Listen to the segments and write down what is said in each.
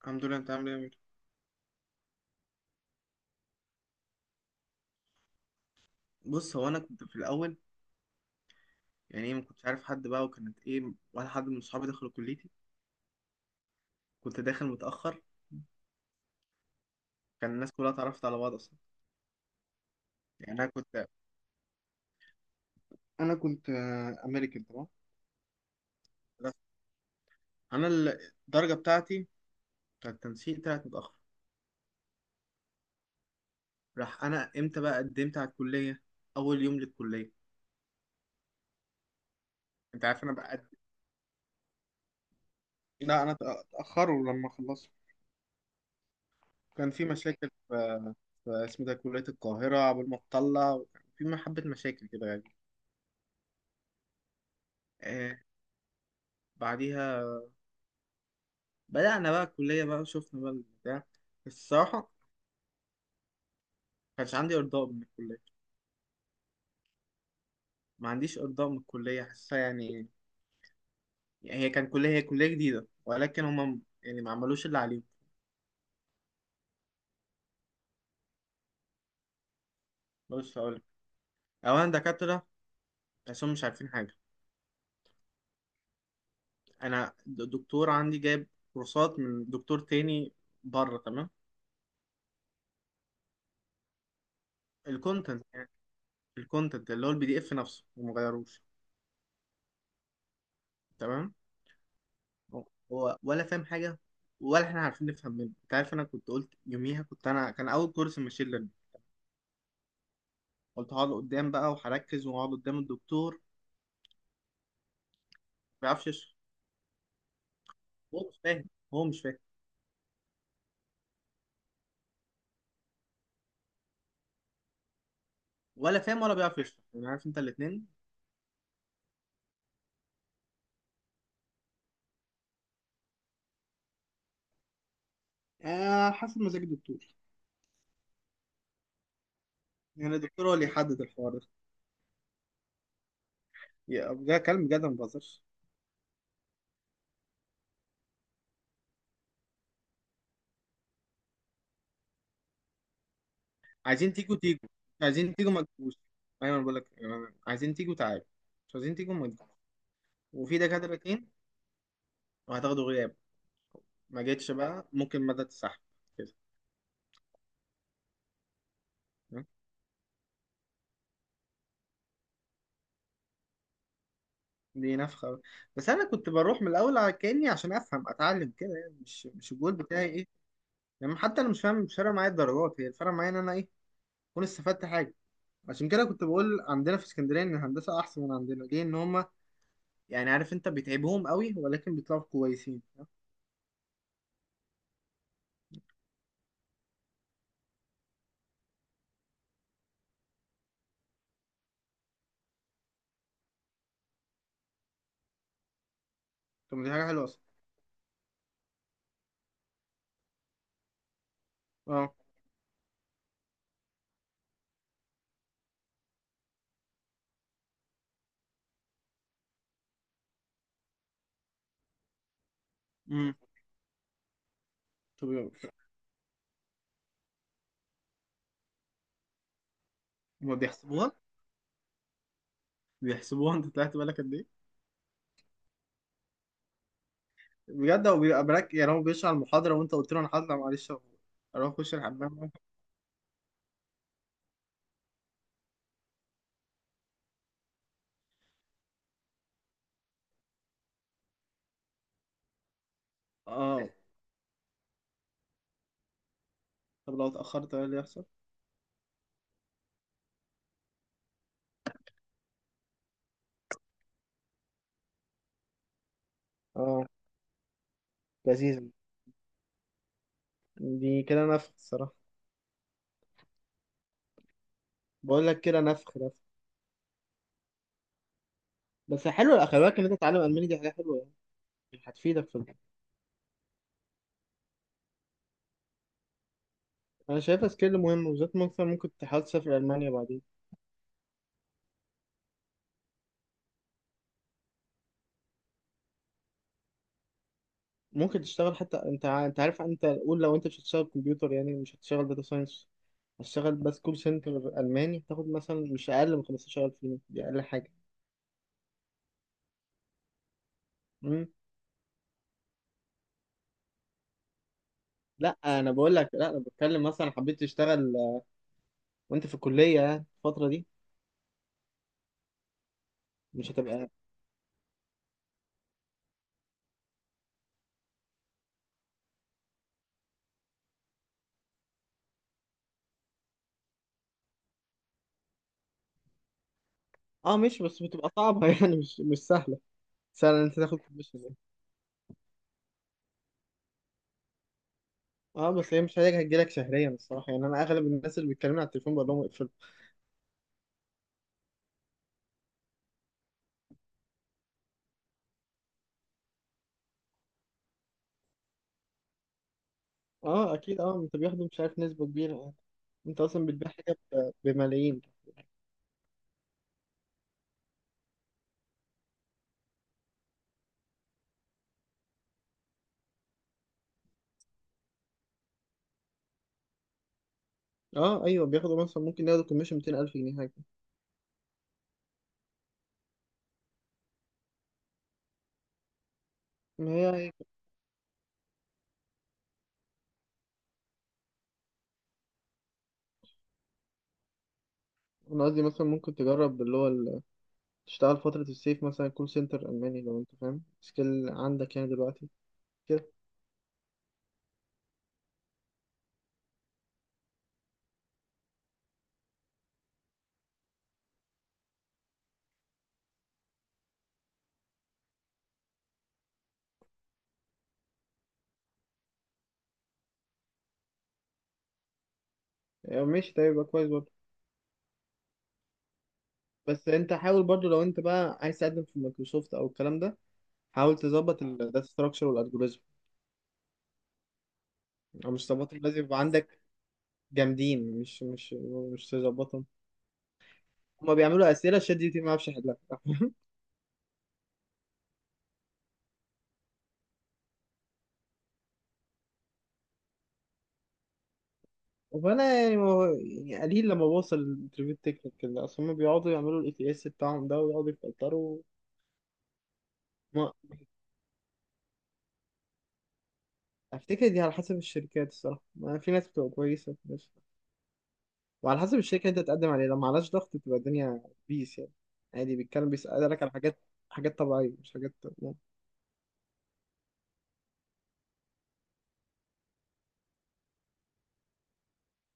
الحمد لله. انت عامل ايه يا أمير؟ بص، هو انا كنت في الاول، يعني ايه ما كنتش عارف حد بقى، وكانت ايه ولا حد من صحابي دخلوا كليتي. كنت داخل متاخر. كان الناس كلها اتعرفت على بعض اصلا. يعني انا كنت انا كنت امريكان تمام. بس انا ال- الدرجه بتاعتي بتاعت التنسيق طلعت متاخر. راح انا امتى بقى قدمت على الكليه؟ اول يوم للكليه. انت عارف انا بقى قد- لا انا اتاخروا لما خلصت. كان في مشاكل في اسمه ده كليه القاهره قبل ما تطلع، وكان في حبه مشاكل كده يعني. آه. بعديها بدأنا بقى الكلية بقى وشفنا بقى البتاع. الصراحة ما كانش عندي إرضاء من الكلية. ما عنديش إرضاء من الكلية، حاسة يعني. هي كلية جديدة، ولكن هم يعني ما عملوش اللي عليهم. بص هقولك، أولا دكاترة تحسهم مش عارفين حاجة. أنا دكتور عندي جايب كورسات من دكتور تاني بره، تمام. الكونتنت يعني، الكونتنت اللي هو البي دي إف نفسه ومغيروش. تمام. هو ولا فاهم حاجة، ولا احنا عارفين نفهم منه. انت عارف، انا كنت قلت يوميها، كنت انا كان اول كورس ماشين ليرنينج، قلت هقعد قدام بقى وهركز وهقعد قدام الدكتور. ما بيعرفش يشرح. هو مش فاهم هو مش فاهم. ولا فاهم ولا بيعرف يشرح، يعني عارف انت الاثنين. آه، حسب مزاج الدكتور. يعني الدكتور هو اللي يحدد الحوار ده. ده كلام بجد، ما بهزرش. عايزين تيجوا تيجوا، مش عايزين تيجوا ما تجوش. ايوه انا بقول لك، عايزين تيجوا تعالوا، مش عايزين تيجوا ما تجوش. وفي دكاترتين، وهتاخدوا غياب. ما جيتش بقى ممكن مدى تسحب كده. دي نفخة بقى. بس أنا كنت بروح من الأول على كأني عشان أفهم أتعلم كده، يعني مش الجول بتاعي إيه؟ يعني حتى انا مش فاهم، مش فارقه معايا الدرجات، هي الفرق معايا ان انا ايه، اكون استفدت حاجه. عشان كده كنت بقول عندنا في اسكندريه ان الهندسه احسن من عندنا، ليه، ان هم يعني عارف انت بيتعبهم قوي ولكن بيطلعوا كويسين. طب ما دي حاجه حلوه اصلا. اه. امم. طب هما بيحسبوها. انت طلعت بالك قد ايه؟ بجد هو بيبقى براك؟ يعني هو بيشرح المحاضره وانت قلت له انا هطلع معلش، اروح اخش الحمام. اه. طب لو اتاخرت ايه اللي يحصل؟ اه. لذيذ. دي كده نفخ الصراحه. بقول لك كده نفخ. بس حلو، خلي بالك ان انت تتعلم الماني، دي حاجه حلوه يعني. هتفيدك في الحياة. انا شايفها سكيل مهم، وبالذات مثلا ممكن تحاول تسافر المانيا بعدين. ممكن تشتغل حتى انت عارف، انت قول لو انت مش هتشتغل كمبيوتر، يعني مش هتشتغل داتا ساينس، هتشتغل بس كول سنتر الماني، تاخد مثلا مش اقل من 15,000 جنيه، دي اقل حاجه. امم. لا انا بتكلم، مثلا حبيت تشتغل وانت في الكليه يعني الفتره دي، مش هتبقى. اه، مش بس بتبقى صعبه يعني مش سهله، سهله إن انت تاخد كوميشن. اه بس هي مش حاجه هتجيلك شهريا الصراحه، يعني انا اغلب الناس اللي بيتكلموا على التليفون بقول لهم اقفل. اه اكيد، اه انت بياخدوا مش عارف نسبه كبيره يعني. انت اصلا بتبيع حاجه بملايين. اه ايوه بياخدوا، مثلا ممكن ياخدوا كوميشن 200,000 جنيه حاجه. ما هي هي كده. انا قصدي مثلا ممكن تجرب اللي هو تشتغل فتره الصيف مثلا كول سنتر الماني، لو انت فاهم سكيل عندك يعني دلوقتي كده. آه، ماشي، ده يبقى كويس برضه. بس انت حاول برضه، لو انت بقى عايز تقدم في مايكروسوفت او الكلام ده، حاول تظبط الداتا ستراكشر والالجوريزم. او مش تظبط، لازم يبقى عندك جامدين، مش مش تظبطهم. هما بيعملوا اسئله شات جي بي تي ما بيعرفش يحلها. فانا يعني، ما هو- يعني قليل لما بوصل الانترفيو التكنيكال ده، اصل هما بيقعدوا يعملوا الاي تي اس بتاعهم ده ويقعدوا يفلتروا. ما افتكر دي على حسب الشركات الصراحه، ما في ناس بتبقى كويسه في ناس، وعلى حسب الشركه اللي انت تقدم عليها، لو ما عليهاش ضغط بتبقى الدنيا بيس يعني، عادي بيتكلم، بيسالك على حاجات، حاجات طبيعيه مش حاجات يعني.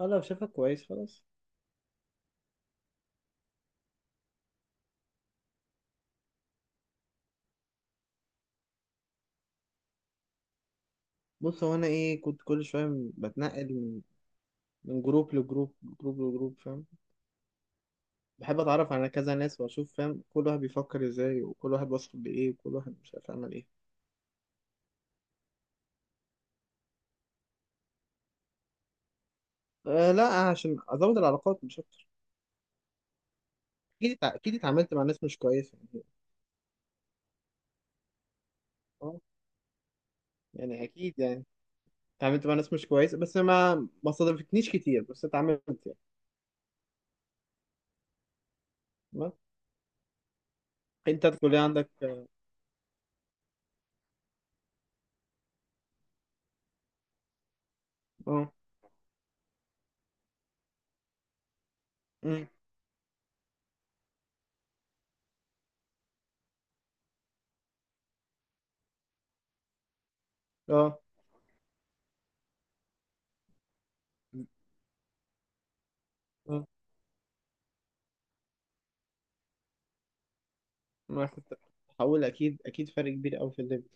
اه لو شافك كويس خلاص. بص هو انا ايه، كنت كل شويه بتنقل من جروب لجروب، فاهم؟ بحب اتعرف على كذا ناس واشوف، فاهم، كل واحد بيفكر ازاي وكل واحد واصل لايه وكل واحد مش عارف يعمل ايه. أه لا، عشان ازود العلاقات مش اكتر. اكيد اتعاملت مع ناس مش كويسه يعني. اه. يعني اكيد يعني، اتعاملت مع ناس مش كويسه، بس ما صادفتنيش كتير، بس اتعاملت يعني. ما. انت الكليه عندك. اه، أمم، اه اه. ما كنت هقول، اكيد فرق كبير قوي في الليفل.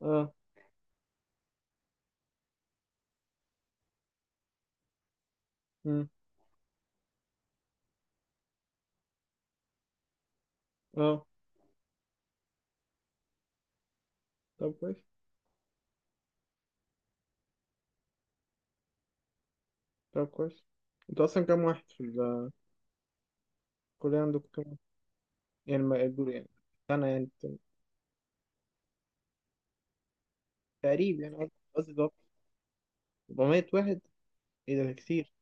اه، أمم. اه طب كويس. طب كويس انتوا اصلا كام واحد في الكليه؟ عندكم كام يعني؟ ما يقول يعني سنة يعني، تقريبا يعني، قصدي ده 400 واحد. ايه ده كتير.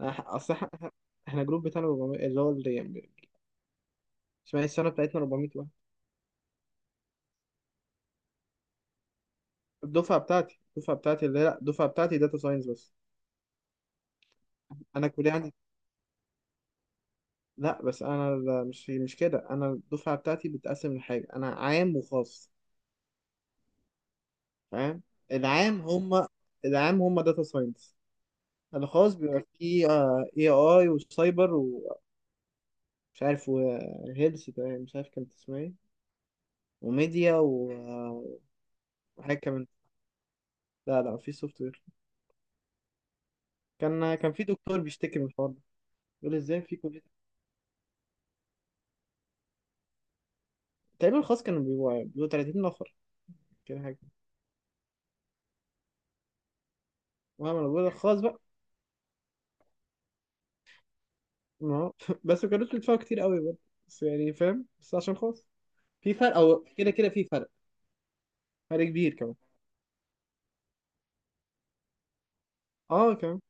أنا احنا جروب بتاعنا 400، اللي هو يعني اسمها إيه، السنة بتاعتنا 400 واحد. الدفعة بتاعتي الدفعة بتاعتي اللي لا الدفعة بتاعتي داتا ساينس بس. انا الكلية عندي، لا بس انا، لا، مش كده. انا الدفعة بتاعتي بتقسم لحاجة، انا عام وخاص فاهم؟ العام هم العام هم داتا ساينس. الخاص بيبقى فيه اي اي وسايبر، ومش عارف وهيلث، مش عارف كانت اسمها ايه، وميديا وحاجة كمان. لا لا مفيش سوفت وير. كان في دكتور بيشتكي من الحوار ده، بيقول ازاي في كلية. تقريبا الخاص كانوا بيبقوا، يعني بيبقوا 30 نفر كده حاجة. المهم انا بقول الخاص بقى. ما هو بس ما كانوش بيدفعوا كتير قوي برضه، بس يعني فاهم، بس عشان خاص في فرق، او كده كده في فرق، فرق كبير كمان. اه كمان.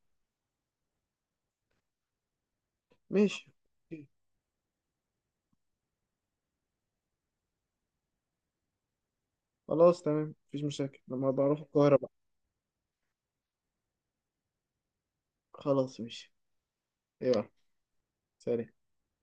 ماشي، خلاص تمام، مفيش مشاكل، لما بروح القاهرة بقى. خلاص ماشي. يلا. سلام.